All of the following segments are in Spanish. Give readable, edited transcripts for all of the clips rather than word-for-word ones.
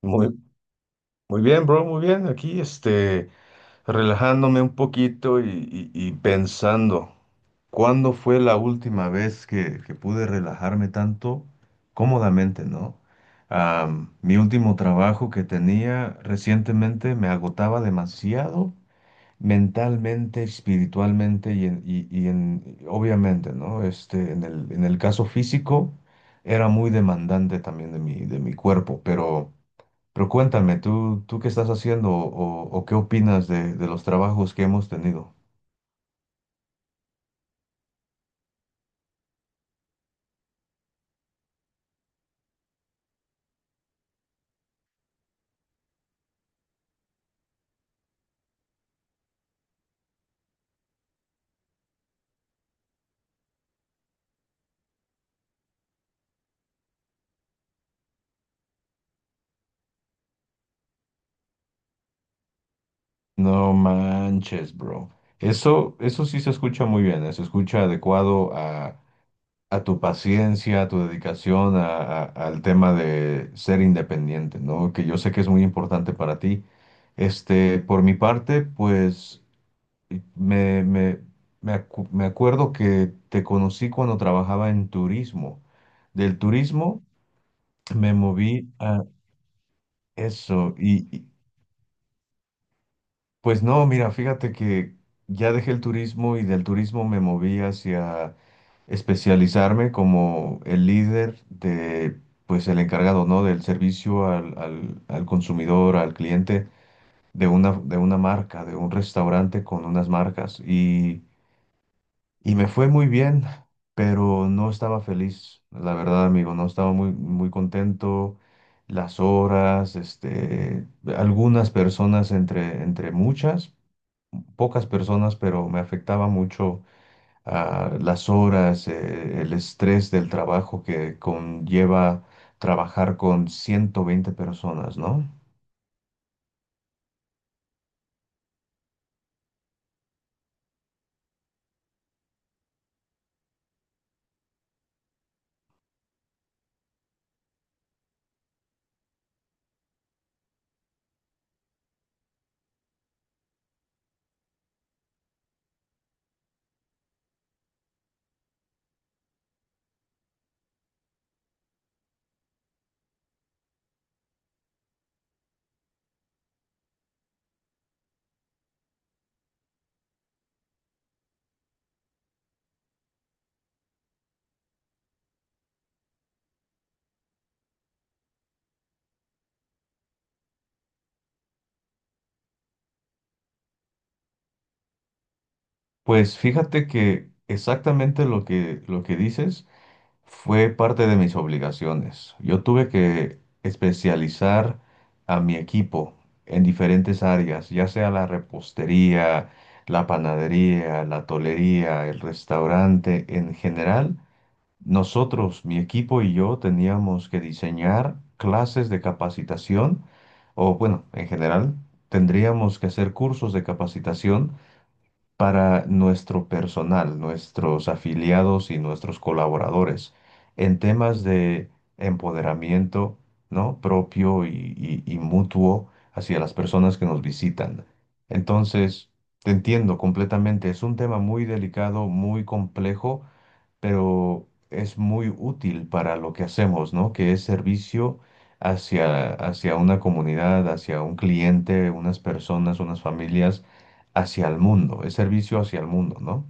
Muy, muy bien, bro, muy bien. Aquí, este, relajándome un poquito y pensando, ¿cuándo fue la última vez que pude relajarme tanto cómodamente, ¿no? Mi último trabajo que tenía recientemente me agotaba demasiado mentalmente, espiritualmente y en, obviamente, ¿no? Este, en el caso físico, era muy demandante también de mi cuerpo, pero. Cuéntame, ¿tú qué estás haciendo o qué opinas de los trabajos que hemos tenido? No manches, bro. Eso sí se escucha muy bien. Se escucha adecuado a tu paciencia, a tu dedicación, al tema de ser independiente, ¿no? Que yo sé que es muy importante para ti. Este, por mi parte, pues me, me, me acuerdo que te conocí cuando trabajaba en turismo. Del turismo me moví. Eso. Y, pues no, mira, fíjate que ya dejé el turismo y del turismo me moví hacia especializarme como el líder de, pues el encargado, ¿no? Del servicio al consumidor, al cliente de una marca, de un restaurante con unas marcas. Y me fue muy bien, pero no estaba feliz, la verdad, amigo, no estaba muy, muy contento. Las horas, este, algunas personas entre muchas, pocas personas, pero me afectaba mucho, las horas, el estrés del trabajo que conlleva trabajar con 120 personas, ¿no? Pues fíjate que exactamente lo que dices. Fue parte de mis obligaciones. Yo tuve que especializar a mi equipo en diferentes áreas, ya sea la repostería, la panadería, la tolería, el restaurante. En general, nosotros, mi equipo y yo, teníamos que diseñar clases de capacitación, o bueno, en general, tendríamos que hacer cursos de capacitación para nuestro personal, nuestros afiliados y nuestros colaboradores en temas de empoderamiento, ¿no? propio y mutuo hacia las personas que nos visitan. Entonces, te entiendo completamente, es un tema muy delicado, muy complejo, pero es muy útil para lo que hacemos, ¿no? Que es servicio hacia una comunidad, hacia un cliente, unas personas, unas familias, hacia el mundo, es servicio hacia el mundo, ¿no?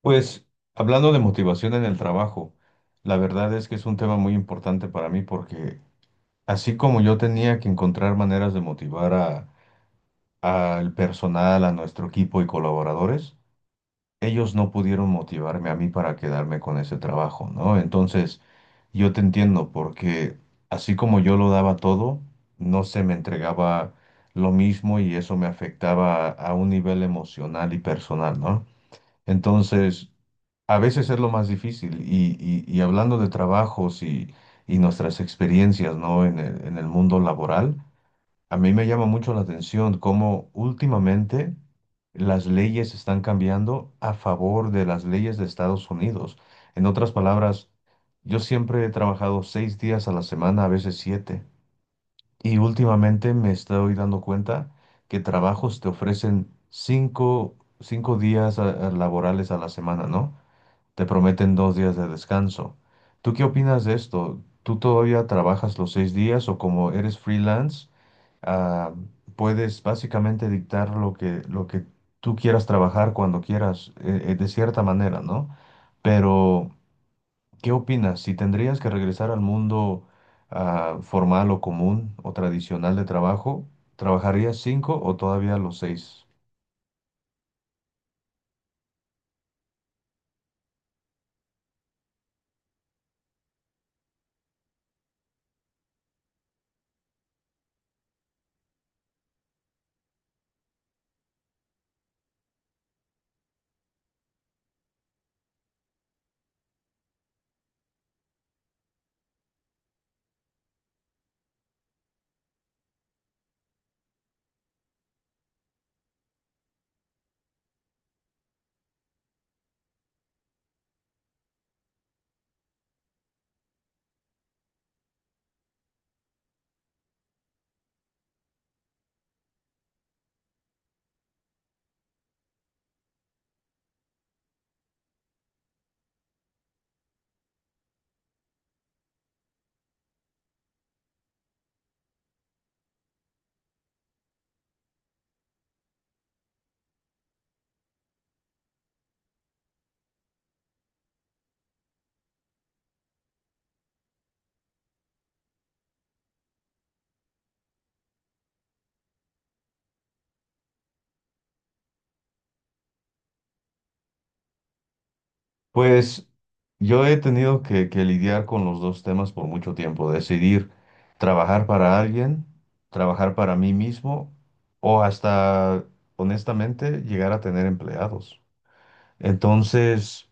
Pues hablando de motivación en el trabajo, la verdad es que es un tema muy importante para mí porque así como yo tenía que encontrar maneras de motivar a, al personal, a nuestro equipo y colaboradores, ellos no pudieron motivarme a mí para quedarme con ese trabajo, ¿no? Entonces, yo te entiendo porque así como yo lo daba todo, no se me entregaba lo mismo y eso me afectaba a un nivel emocional y personal, ¿no? Entonces, a veces es lo más difícil y hablando de trabajos y nuestras experiencias, ¿no? En el mundo laboral. A mí me llama mucho la atención cómo últimamente las leyes están cambiando a favor de las leyes de Estados Unidos. En otras palabras, yo siempre he trabajado seis días a la semana, a veces siete, y últimamente me estoy dando cuenta que trabajos te ofrecen cinco, días laborales a la semana, ¿no? Te prometen dos días de descanso. ¿Tú qué opinas de esto? ¿Tú todavía trabajas los seis días o como eres freelance, ah, puedes básicamente dictar lo que tú quieras trabajar cuando quieras, de cierta manera, ¿no? Pero, ¿qué opinas? Si tendrías que regresar al mundo, formal o común o tradicional de trabajo, ¿trabajarías cinco o todavía los seis? Pues yo he tenido que lidiar con los dos temas por mucho tiempo, decidir trabajar para alguien, trabajar para mí mismo o hasta, honestamente, llegar a tener empleados. Entonces,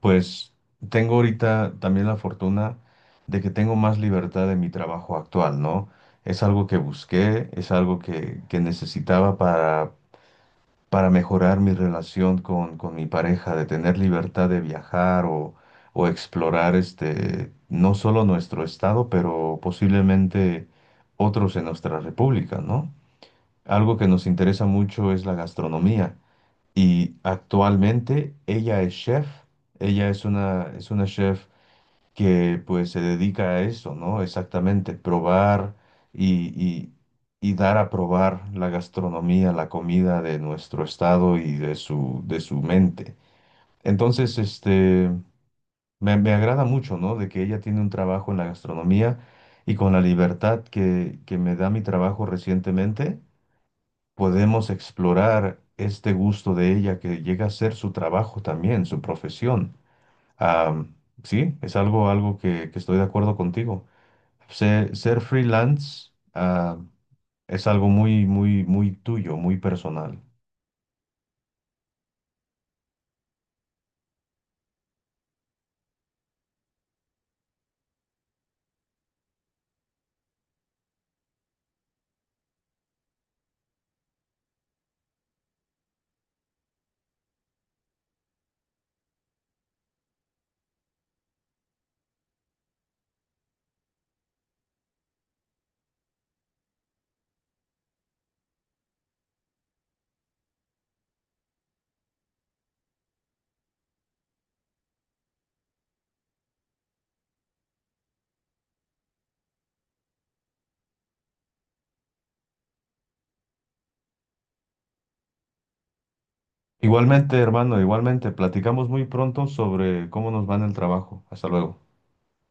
pues tengo ahorita también la fortuna de que tengo más libertad en mi trabajo actual, ¿no? Es algo que busqué, es algo que necesitaba para mejorar mi relación con mi pareja, de tener libertad de viajar o explorar este, no solo nuestro estado, pero posiblemente otros en nuestra república, ¿no? Algo que nos interesa mucho es la gastronomía y actualmente ella es chef, ella es una chef que pues se dedica a eso, ¿no? Exactamente, probar y, y- y dar a probar la gastronomía, la comida de nuestro estado y de su mente. Entonces, este, me agrada mucho, ¿no? De que ella tiene un trabajo en la gastronomía y con la libertad que me da mi trabajo recientemente, podemos explorar este gusto de ella que llega a ser su trabajo también, su profesión. Ah, sí, es algo que estoy de acuerdo contigo. Ser freelance, es algo muy, muy, muy tuyo, muy personal. Igualmente, hermano, igualmente, platicamos muy pronto sobre cómo nos va en el trabajo. Hasta luego.